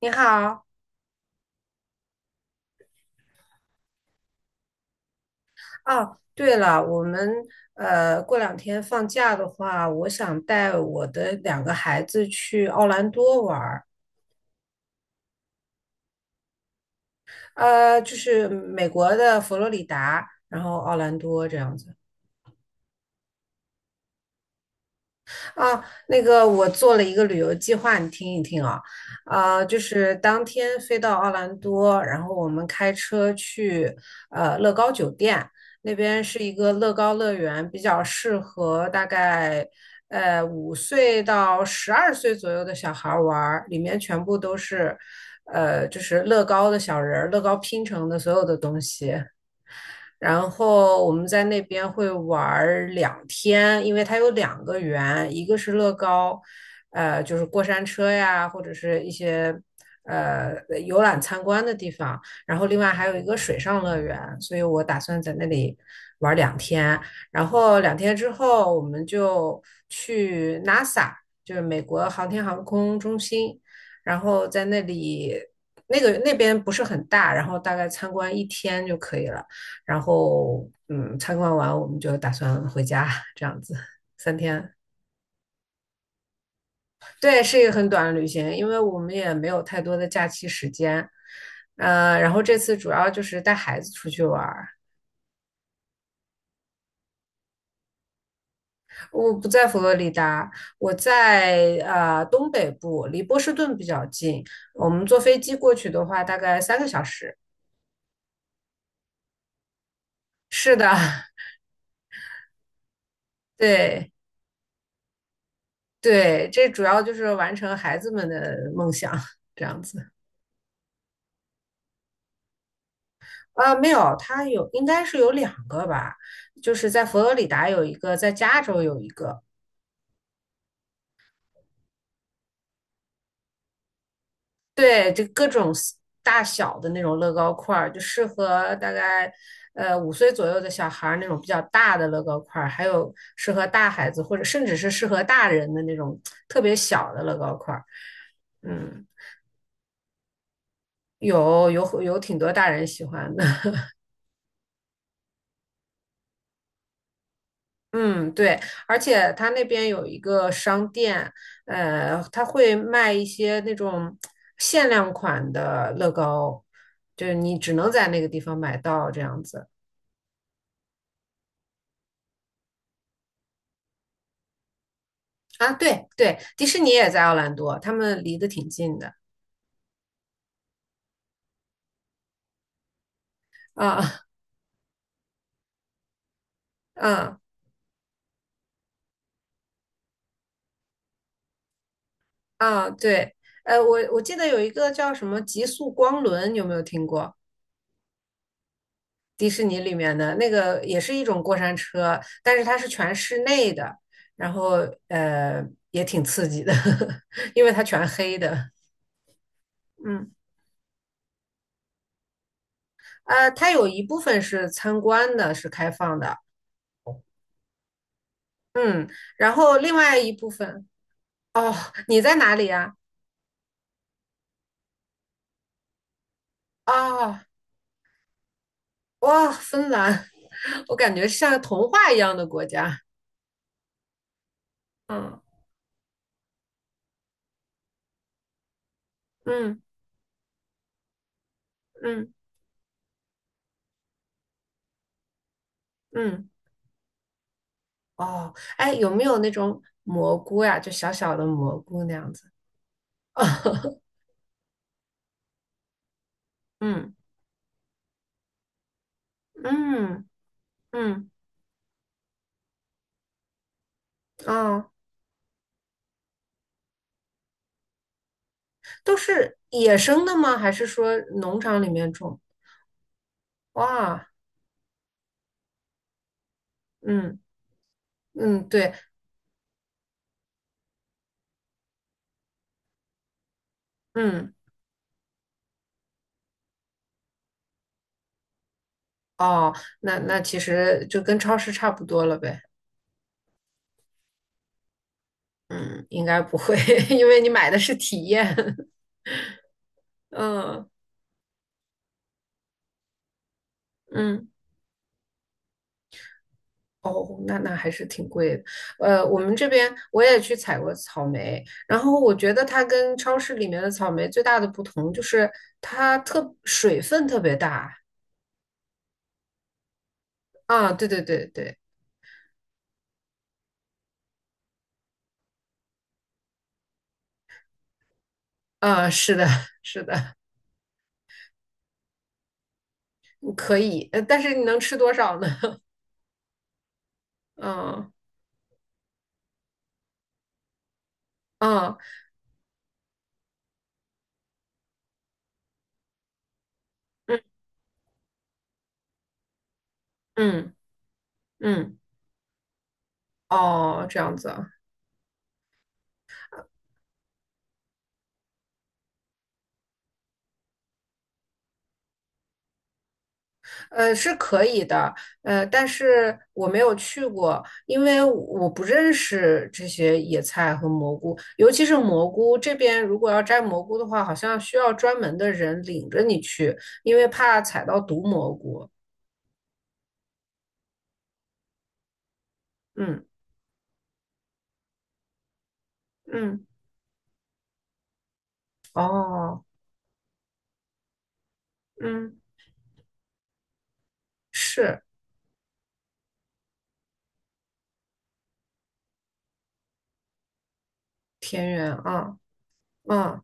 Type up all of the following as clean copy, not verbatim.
你好，哦，对了，我们过两天放假的话，我想带我的两个孩子去奥兰多玩儿，就是美国的佛罗里达，然后奥兰多这样子。啊，那个我做了一个旅游计划，你听一听啊，啊，就是当天飞到奥兰多，然后我们开车去乐高酒店，那边是一个乐高乐园，比较适合大概五岁到12岁左右的小孩玩儿，里面全部都是就是乐高的小人儿，乐高拼成的所有的东西。然后我们在那边会玩两天，因为它有两个园，一个是乐高，就是过山车呀，或者是一些呃游览参观的地方，然后另外还有一个水上乐园，所以我打算在那里玩两天，然后两天之后我们就去 NASA，就是美国航天航空中心，然后在那里。那个那边不是很大，然后大概参观一天就可以了。然后参观完我们就打算回家，这样子3天。对，是一个很短的旅行，因为我们也没有太多的假期时间。然后这次主要就是带孩子出去玩儿。我不在佛罗里达，我在东北部，离波士顿比较近。我们坐飞机过去的话，大概3个小时。是的，对对，这主要就是完成孩子们的梦想，这样子。啊，没有，它有应该是有两个吧，就是在佛罗里达有一个，在加州有一个，对，就各种 大小的那种乐高块儿，就适合大概五岁左右的小孩儿那种比较大的乐高块儿，还有适合大孩子或者甚至是适合大人的那种特别小的乐高块儿，嗯，有有有挺多大人喜欢的。嗯，对，而且他那边有一个商店，他会卖一些那种限量款的乐高，就是你只能在那个地方买到这样子啊。对对，迪士尼也在奥兰多，他们离得挺近的啊，啊啊，对，我记得有一个叫什么极速光轮，有没有听过？迪士尼里面的那个也是一种过山车，但是它是全室内的，然后呃也挺刺激的，因为它全黑的。嗯，它有一部分是参观的，是开放的。嗯，然后另外一部分，哦，你在哪里呀？哦，哇，芬兰，我感觉像童话一样的国家。嗯嗯嗯嗯，哦，哎，有没有那种蘑菇呀？就小小的蘑菇那样子？嗯嗯嗯，啊，都是野生的吗？还是说农场里面种？哇，嗯嗯，对，嗯，哦，那其实就跟超市差不多了呗。嗯，应该不会，因为你买的是体验。嗯嗯，哦，那还是挺贵的。我们这边我也去采过草莓，然后我觉得它跟超市里面的草莓最大的不同就是它特水分特别大。啊，对对对对，啊，是的，是的，可以，但是你能吃多少呢？嗯嗯嗯嗯嗯，哦，这样子啊，是可以的，但是我没有去过，因为我不认识这些野菜和蘑菇，尤其是蘑菇这边，如果要摘蘑菇的话，好像需要专门的人领着你去，因为怕踩到毒蘑菇。嗯嗯，哦，嗯，是田园啊，嗯。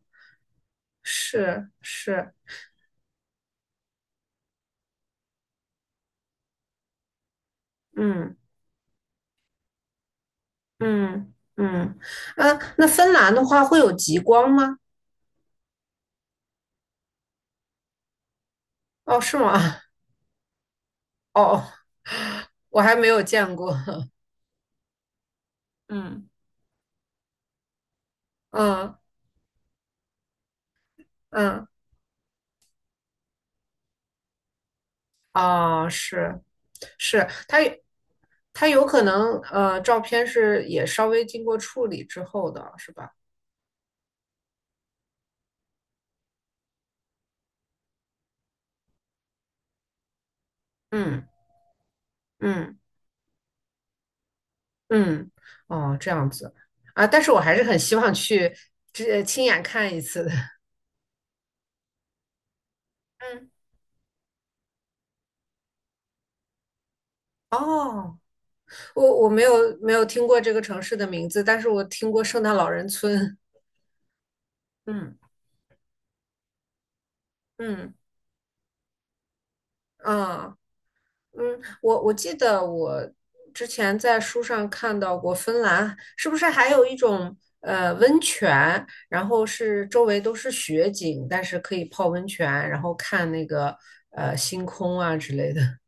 是是，嗯嗯嗯，啊，那芬兰的话会有极光吗？哦，是吗？哦，我还没有见过。嗯，嗯嗯，哦，是是，它有可能，照片是也稍微经过处理之后的，是吧？嗯嗯嗯，哦，这样子啊，但是我还是很希望去这亲眼看一次的。嗯，哦。我没有听过这个城市的名字，但是我听过圣诞老人村。嗯嗯啊嗯，我记得我之前在书上看到过芬兰，是不是还有一种温泉，然后是周围都是雪景，但是可以泡温泉，然后看那个星空啊之类的。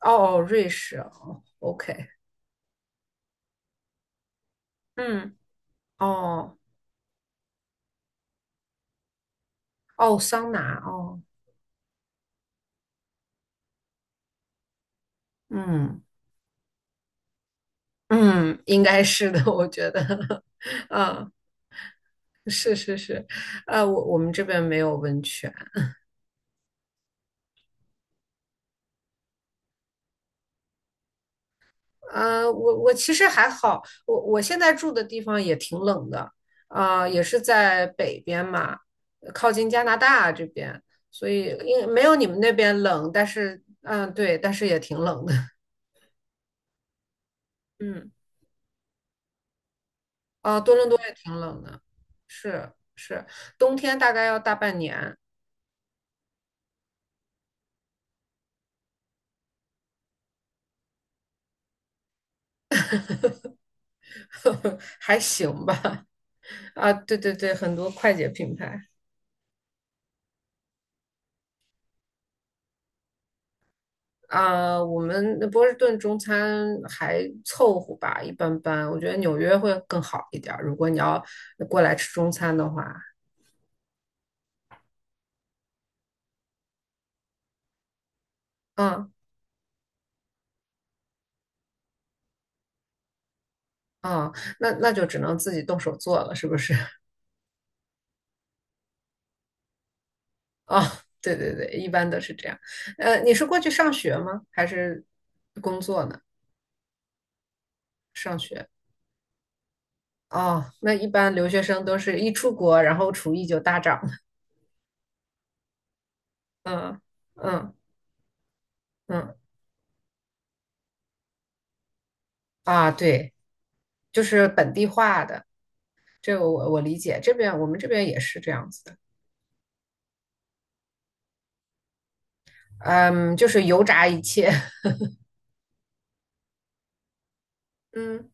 哦哦，瑞士哦，OK，嗯，哦哦，桑拿哦，嗯。嗯，应该是的，我觉得，啊，是是是，我们这边没有温泉，啊，我其实还好，我现在住的地方也挺冷的，啊、也是在北边嘛，靠近加拿大这边，所以应没有你们那边冷，但是，嗯、对，但是也挺冷的，嗯，啊、多伦多也挺冷的，是是，冬天大概要大半年，还行吧，啊，对对对，很多快捷品牌啊，我们波士顿中餐还凑合吧，一般般。我觉得纽约会更好一点儿，如果你要过来吃中餐的话，嗯嗯，那就只能自己动手做了，是不是？啊，对对对，一般都是这样。你是过去上学吗？还是工作呢？上学。哦，那一般留学生都是一出国，然后厨艺就大涨了。嗯嗯嗯，啊，对，就是本地化的。这个我理解，这边我们这边也是这样子的，嗯，就是油炸一切，嗯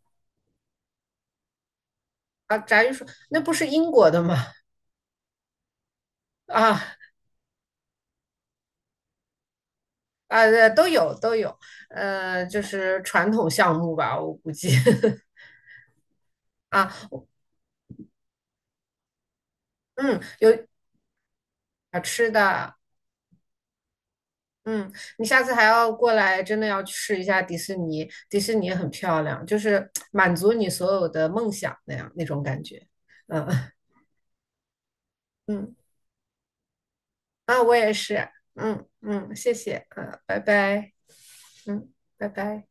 啊，炸鱼薯那不是英国的吗？啊啊，都有都有，就是传统项目吧，我估计 啊，嗯，有啊吃的，嗯，你下次还要过来，真的要去试一下迪士尼，迪士尼很漂亮，就是满足你所有的梦想那样那种感觉，嗯 嗯啊，我也是，嗯嗯，谢谢，嗯，拜拜。嗯，拜拜。